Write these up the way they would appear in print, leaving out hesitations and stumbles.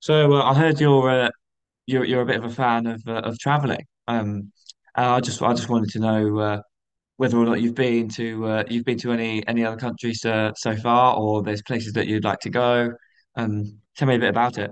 I heard you're a bit of a fan of traveling. And I just wanted to know whether or not you've been to you've been to any other countries so far, or there's places that you'd like to go. Tell me a bit about it.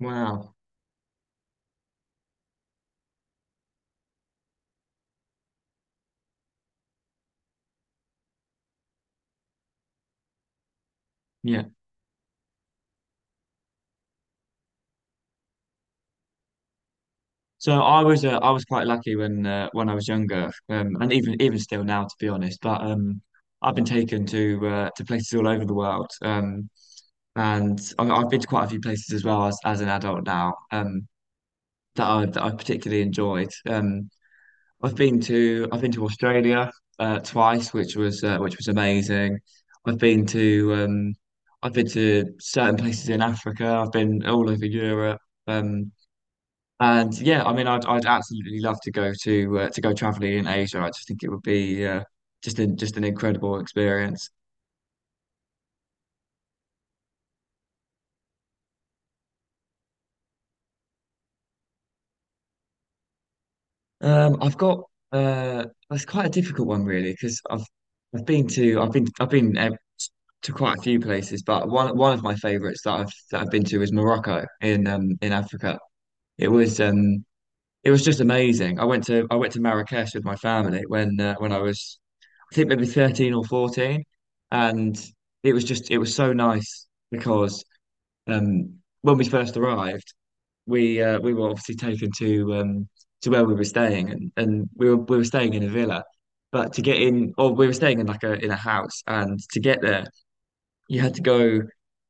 Wow. Yeah. So I was quite lucky when I was younger, and even still now, to be honest. But I've been taken to places all over the world. And I've been to quite a few places as well as an adult now. That I particularly enjoyed. I've been to Australia twice, which was amazing. I've been to um, I've been to certain places in Africa. I've been all over Europe. Um, and yeah, I mean, I'd absolutely love to go traveling in Asia. I just think it would be just an incredible experience. I've got uh, that's quite a difficult one really because I've been to quite a few places, but one of my favorites that I've been to is Morocco in Africa. It was um it was just amazing. I went to Marrakesh with my family when I was I think maybe 13 or 14, and it was so nice because um when we first arrived we were obviously taken to where we were staying, and we were staying in a villa, but to get in, or we were staying in like a house, and to get there, you had to go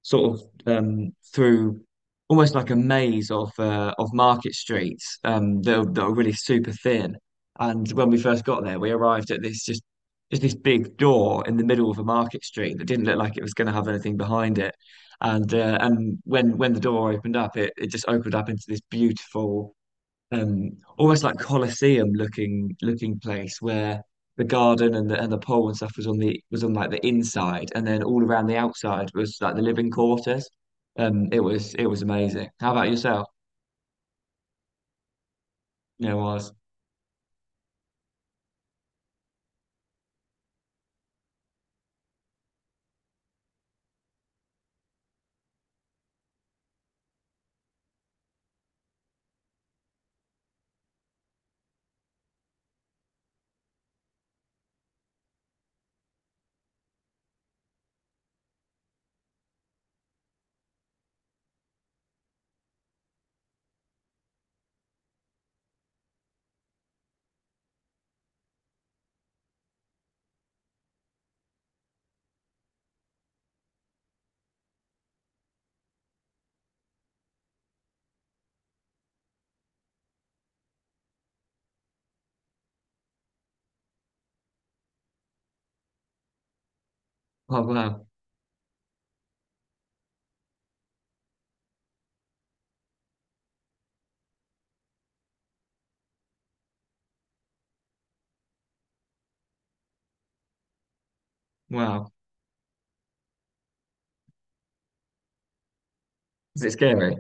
sort of through almost like a maze of market streets that are really super thin. And when we first got there, we arrived at this just this big door in the middle of a market street that didn't look like it was going to have anything behind it. And when the door opened up, it just opened up into this beautiful um, almost like Colosseum looking place where the garden and the pole and stuff was on the was on like the inside, and then all around the outside was like the living quarters. It was amazing. How about yourself? You know, was oh wow wow. Is it scary?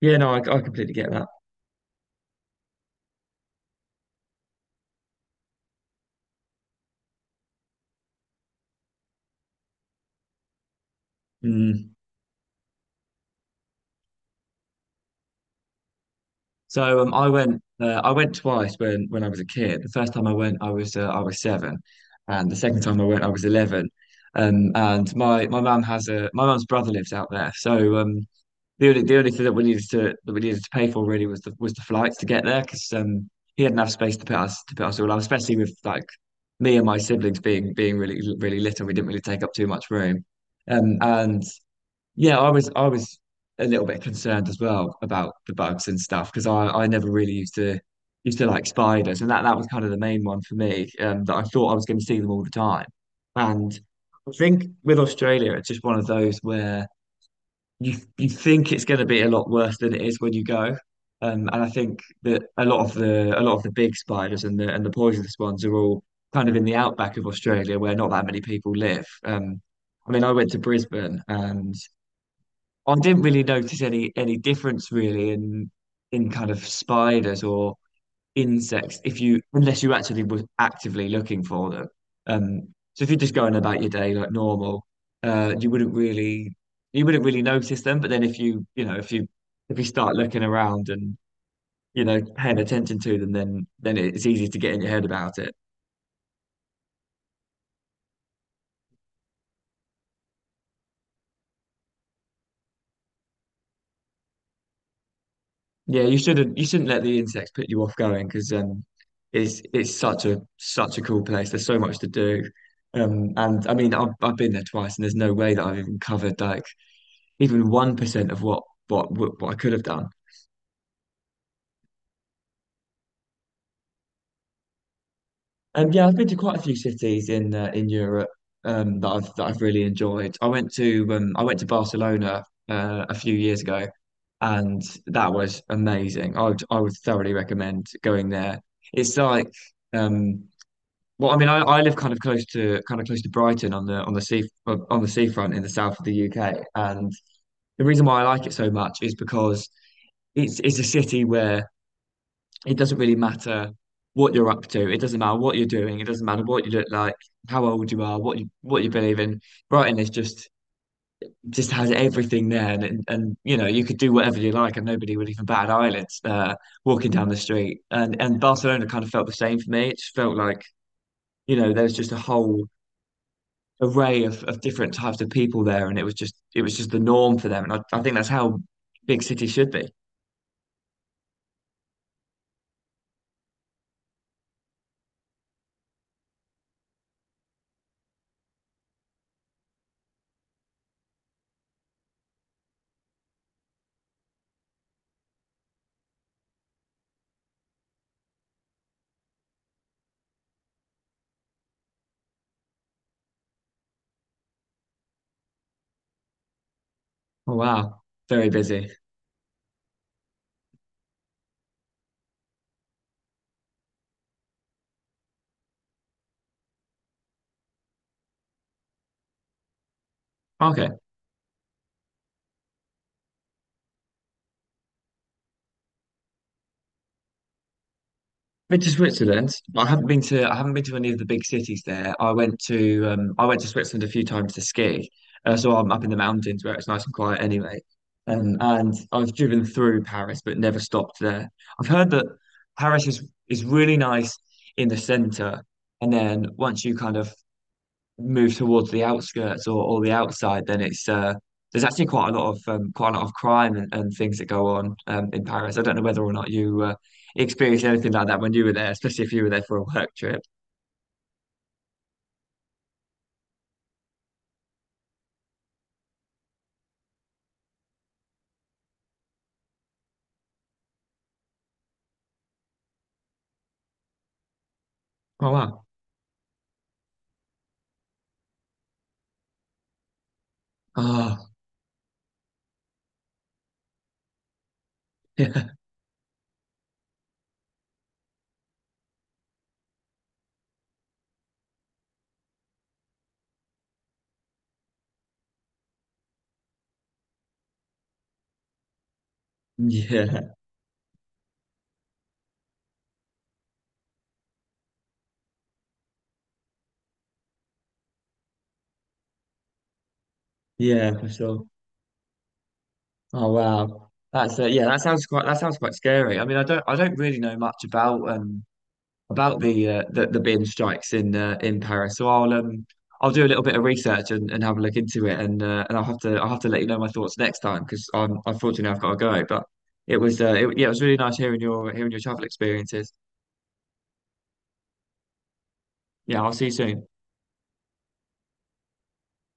Yeah, no, I completely get that. Mm. So I went twice when I was a kid. The first time I went, I was seven, and the second time I went, I was 11. And my mum's brother lives out there, so the only thing that we needed to pay for really was the flights to get there because he had enough space to put us all up, especially with like me and my siblings being really little, we didn't really take up too much room. And yeah, I was a little bit concerned as well about the bugs and stuff because I never really used to like spiders and that, that was kind of the main one for me that I thought I was going to see them all the time. And I think with Australia, it's just one of those where you think it's going to be a lot worse than it is when you go. And I think that a lot of the big spiders and the poisonous ones are all kind of in the outback of Australia where not that many people live. I mean, I went to Brisbane and I didn't really notice any difference really in kind of spiders or insects if you unless you actually were actively looking for them. Um, so if you're just going about your day like normal, uh, you wouldn't really you wouldn't really notice them. But then if you you know if you start looking around and you know paying attention to them, then it's easy to get in your head about it. Yeah, you shouldn't let the insects put you off going because it's such a such a cool place. There's so much to do. And I mean I've been there twice and there's no way that I've even covered like even 1% of what I could have done. And yeah, I've been to quite a few cities in Europe that I've really enjoyed. I went to Barcelona a few years ago and that was amazing. I would thoroughly recommend going there. It's like um well, I mean, I live kind of close to Brighton on the sea on the seafront in the south of the UK, and the reason why I like it so much is because it's a city where it doesn't really matter what you're up to. It doesn't matter what you're doing. It doesn't matter what you look like, how old you are, what you believe in. Brighton is just has everything there, and you know you could do whatever you like, and nobody would even bat an eyelid walking down the street. And Barcelona kind of felt the same for me. It just felt like you know there's just a whole array of different types of people there, and it was just the norm for them. And I think that's how big cities should be. Oh wow, very busy. Okay, been to Switzerland. I haven't been to any of the big cities there. I went to Switzerland a few times to ski. So I'm up in the mountains where it's nice and quiet anyway. And I've driven through Paris, but never stopped there. I've heard that Paris is really nice in the center, and then once you kind of move towards the outskirts or the outside, then it's there's actually quite a lot of quite a lot of crime and things that go on in Paris. I don't know whether or not you experienced anything like that when you were there, especially if you were there for a work trip. Oh wow. Oh yeah, yeah, yeah, for sure. Oh wow. That's yeah, that sounds quite scary. I mean, I don't really know much about the the bin strikes in Paris. So I'll do a little bit of research and have a look into it, and I'll have to let you know my thoughts next time because I've got to go. But it was yeah, it was really nice hearing your travel experiences. Yeah, I'll see you soon.